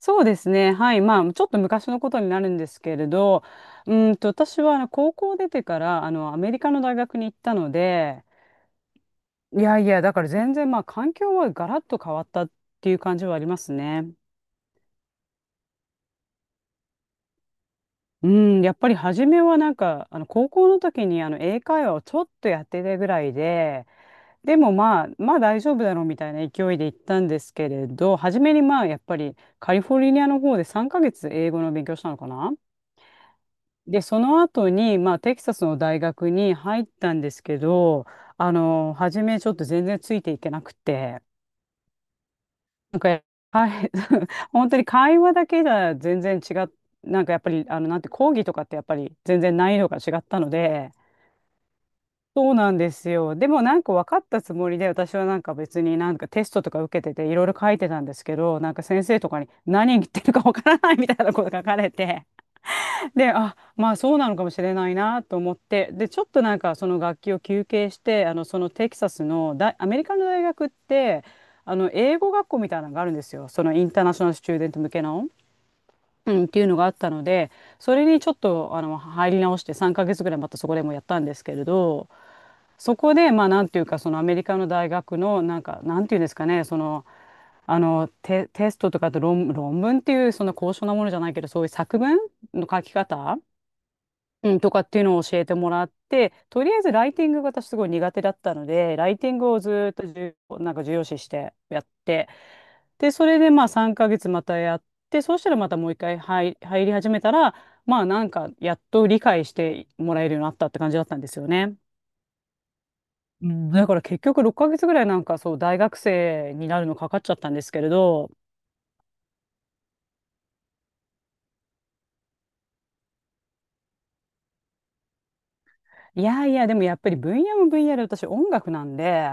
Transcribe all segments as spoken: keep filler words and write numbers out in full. そうですね。はい。まあ、ちょっと昔のことになるんですけれど、うーんと、私はあの高校出てから、あの、アメリカの大学に行ったので、いやいや、だから全然、まあ、環境はガラッと変わったっていう感じはありますね。うん、やっぱり初めはなんか、あの、高校の時に、あの、英会話をちょっとやってたぐらいで、でもまあ、まあ大丈夫だろうみたいな勢いで行ったんですけれど、初めにまあ、やっぱりカリフォルニアの方でさんかげつ英語の勉強したのかな。で、その後に、まあ、テキサスの大学に入ったんですけど、あの、初めちょっと全然ついていけなくて、なんか、はい、本当に会話だけじゃ全然違っ、なんかやっぱり、あの、なんて講義とかってやっぱり全然難易度が違ったので、そうなんですよ。でもなんか分かったつもりで、私はなんか別になんかテストとか受けてていろいろ書いてたんですけど、なんか先生とかに何言ってるか分からないみたいなこと書かれて、で、あ、まあそうなのかもしれないなと思って、で、ちょっとなんかその楽器を休憩して、あの、そのテキサスの大、アメリカの大学って、あの、英語学校みたいなのがあるんですよ。そのインターナショナルスチューデント向けの。うん、っていうのがあったので、それにちょっと、あの、入り直してさんかげつぐらいまたそこでもやったんですけれど、そこで、まあなんていうか、そのアメリカの大学の、なんか、なんていうんですかね、その、あのテ、テストとかと論、論文っていうそんな高尚なものじゃないけどそういう作文の書き方、うん、とかっていうのを教えてもらって、とりあえずライティングが私すごい苦手だったので、ライティングをずーっと重要なんか重要視してやって、で、それでまあさんかげつまたやって、そうしたらまたもう一回入、入り始めたら、まあなんかやっと理解してもらえるようになったって感じだったんですよね。うん、だから結局ろっかげつぐらいなんかそう大学生になるのかかっちゃったんですけれど、いやいや、でもやっぱり分野も分野で私音楽なんで、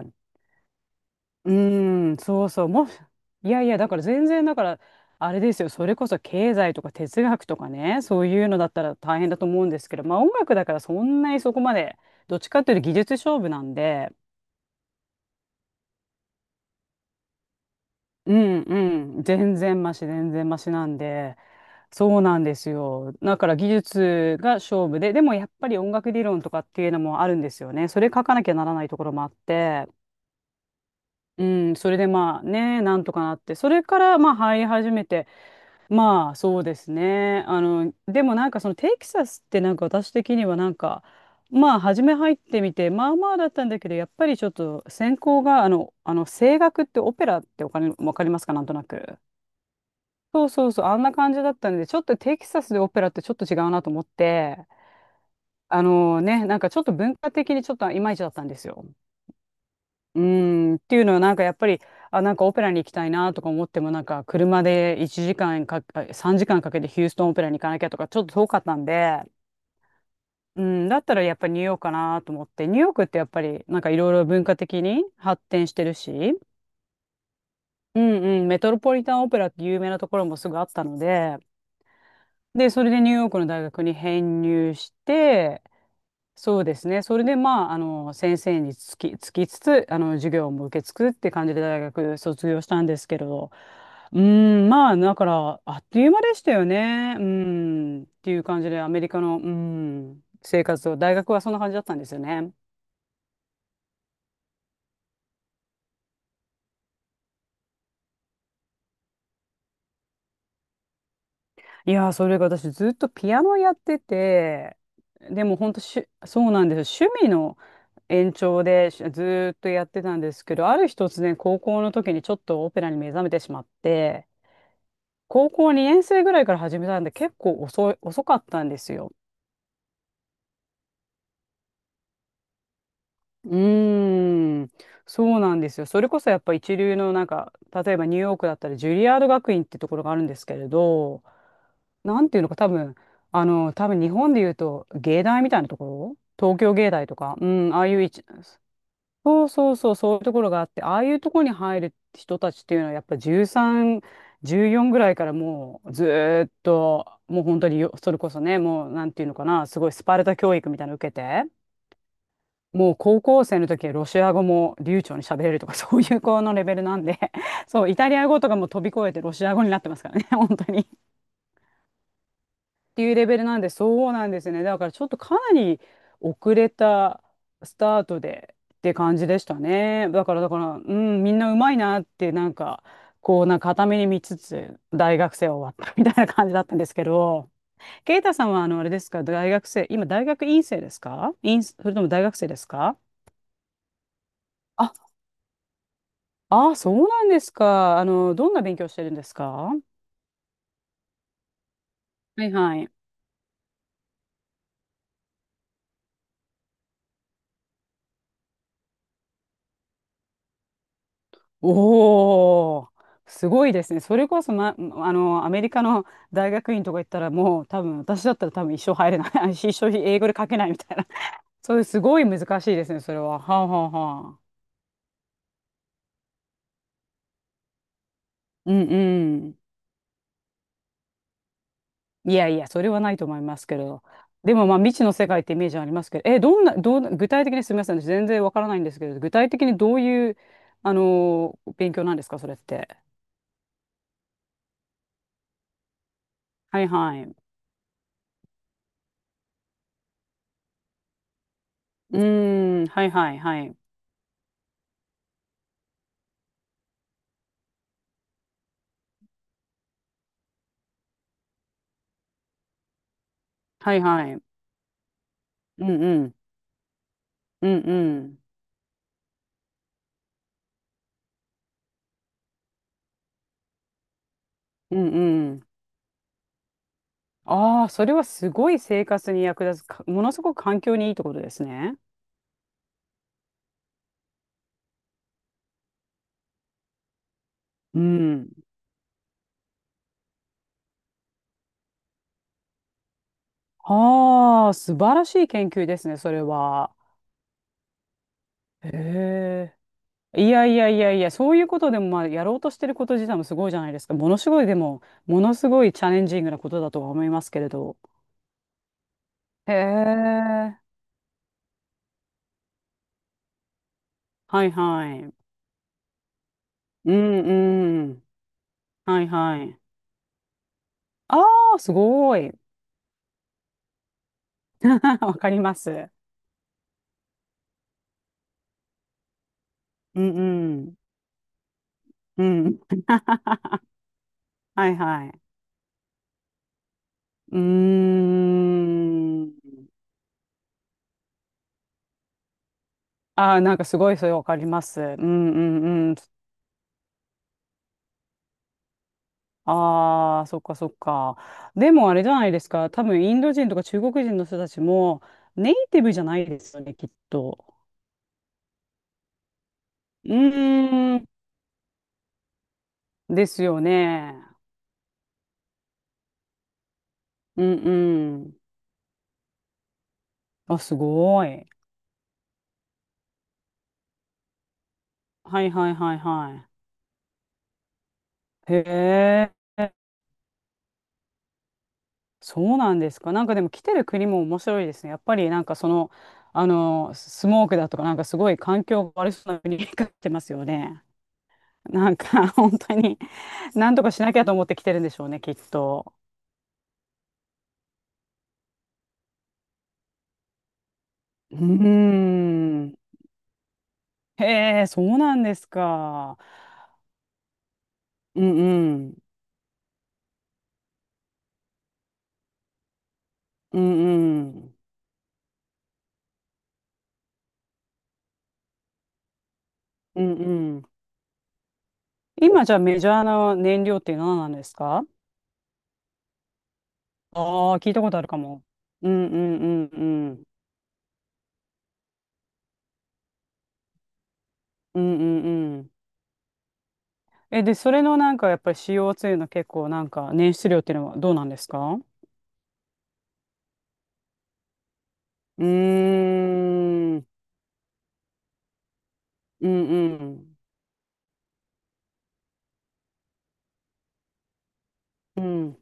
うーん、そうそう、もし、いやいや、だから全然、だから、あれですよ、それこそ経済とか哲学とかね、そういうのだったら大変だと思うんですけど、まあ音楽だからそんなにそこまで、どっちかっていうと技術勝負なんで、うんうん、全然マシ、全然マシなんで、そうなんですよ。だから技術が勝負で、でもやっぱり音楽理論とかっていうのもあるんですよね。それ書かなきゃならないところもあって、うん、それでまあね、なんとかなって、それからまあ入り始めて、まあそうですね。あのでもなんかそのテキサスってなんか私的にはなんかまあ初め入ってみてまあまあだったんだけど、やっぱりちょっと専攻があの、あの声楽って、オペラって、お金わかりますか、なんとなく。そうそうそう、あんな感じだったんでちょっとテキサスでオペラってちょっと違うなと思って、あのねなんかちょっと文化的にちょっといまいちだったんですよ。うーん、っていうのはなんかやっぱり、あ、なんかオペラに行きたいなとか思っても、なんか車でいちじかんかんか、あ、さんじかんかんかけてヒューストンオペラに行かなきゃとか、ちょっと遠かったんで、うん、だったらやっぱりニューヨークかなと思って、ニューヨークってやっぱりなんかいろいろ文化的に発展してるし、うんうん、メトロポリタンオペラって有名なところもすぐあったので、で、それでニューヨークの大学に編入して、そうですね。それで、まあ、あの、先生につき、つきつつ、あの、授業も受けつくって感じで大学卒業したんですけれど、うーん、まあ、だから、あっという間でしたよね。うーん、っていう感じで、アメリカの、うーん、生活を、大学はそんな感じだったんですよね。いやー、それが私、ずっとピアノやってて、でも、本当しゅ、そうなんですよ。趣味の延長でしずーっとやってたんですけど、ある日突然、高校の時にちょっとオペラに目覚めてしまって、高校にねん生ぐらいから始めたんで、結構遅い、遅かったんですよ。うーん、そうなんですよ。それこそやっぱ一流のなんか、例えばニューヨークだったらジュリアード学院ってところがあるんですけれど、なんていうのか多分、あの、多分日本で言うと芸大みたいなところ、東京芸大とか、うん、ああいう一そうそうそう、そういうところがあって、ああいうところに入る人たちっていうのは、やっぱじゅうさん、じゅうよんぐらいからもうずーっと、もう本当によそれこそね、もうなんていうのかな、すごいスパルタ教育みたいなの受けて、もう高校生の時はロシア語も流暢に喋れるとか、そういう子のレベルなんで、そう、イタリア語とかも飛び越えてロシア語になってますからね、本当に。っていうレベルなんで、そうなんですね。だからちょっとかなり遅れたスタートでって感じでしたね。だから、だから、うん、みんなうまいなって、なんか、こう、なんか片目に見つつ、大学生終わったみたいな感じだったんですけど、ケイタさんは、あの、あれですか、大学生、今、大学院生ですか院、それとも大学生ですか？あ、ああ、そうなんですか。あの、どんな勉強してるんですか？はいはい。おお、すごいですね。それこそ、ま、あの、アメリカの大学院とか行ったら、もう多分、私だったら多分一生入れない。一生英語で書けないみたいな。そういう、すごい難しいですね、それは。はあ、はあはあ。うんうん。いやいや、それはないと思いますけど。でも、まあ、未知の世界ってイメージありますけど、え、どんな、どんな、具体的にすみません、私全然わからないんですけど、具体的にどういう、あの、勉強なんですか、それって？はいはい。うーん、はいはいはい。はいはい。うんうんうん。うんうん。ああ、それはすごい生活に役立つか、ものすごく環境にいいってことですね。うん。ああ、素晴らしい研究ですね、それは。へえ。いやいやいやいや、そういうことでも、まあ、やろうとしてること自体もすごいじゃないですか。ものすごい、でも、ものすごいチャレンジングなことだとは思いますけれど。へえ。はいはい。うんうん。はいはい。ああ、すごい。わかります。うんうん。うん、はいはい。うーん。ああ、なんかすごいそれわかります。うんうんうん。ああ、そっかそっか。でもあれじゃないですか。多分インド人とか中国人の人たちもネイティブじゃないですよね、きっと。うーん。ですよね。うんうん。あ、すごい。はいはいはいはい。へえ。そうなんですか。なんかでも来てる国も面白いですね。やっぱりなんかその、あの、スモークだとかなんかすごい環境が悪そうな国に来ってますよね。なんか 本当に何とかしなきゃと思って来てるんでしょうね、きっと。うーん、へえ、そうなんですか。うんうん、うんうん、うんうん。今じゃあメジャーな燃料って何なんですか？ああー、聞いたことあるかも。うんうんうんうんうんうんうん。え、で、それのなんかやっぱり シーオーツー の結構なんか捻出量っていうのはどうなんですか？うーん、うんうん、うん、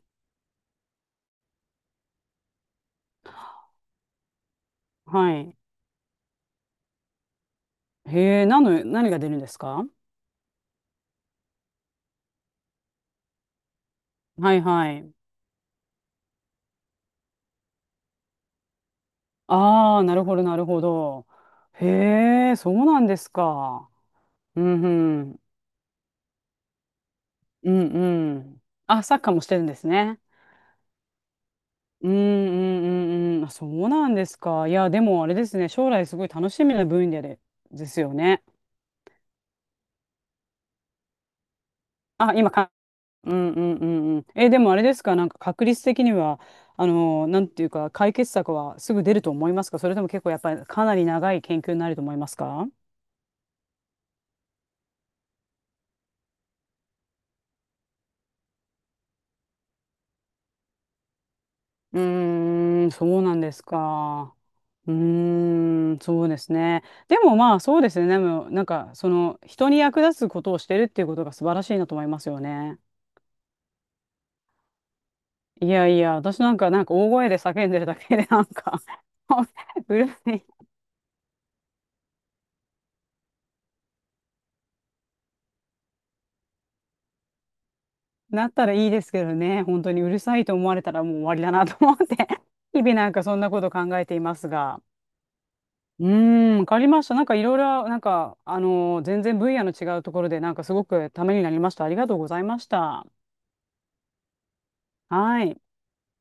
はい。へえ、なの、何が出るんですか？はいはい。ああ、なるほど、なるほど。へえ、そうなんですか。うんうん、うんうん。あ、サッカーもしてるんですね。うんうんうんうん。あ、そうなんですか。いや、でもあれですね、将来すごい楽しみな分野で、ですよね。あ、今考うんうんうんうん。え、でもあれですか、なんか確率的には、あのーなんていうか、解決策はすぐ出ると思いますか？それとも結構やっぱりかなり長い研究になると思いますか？うーん、そうなんですか。うーん、そうですね。でもまあそうですね。でもなんかその人に役立つことをしてるっていうことが素晴らしいなと思いますよね。いやいや、私なんかなんか大声で叫んでるだけでなんか うるなったらいいですけどね、本当にうるさいと思われたらもう終わりだなと思って 日々なんかそんなこと考えていますが。うーん、わかりました。なんかいろいろ、なんか、あのー全然分野の違うところで、なんかすごくためになりました。ありがとうございました。はい。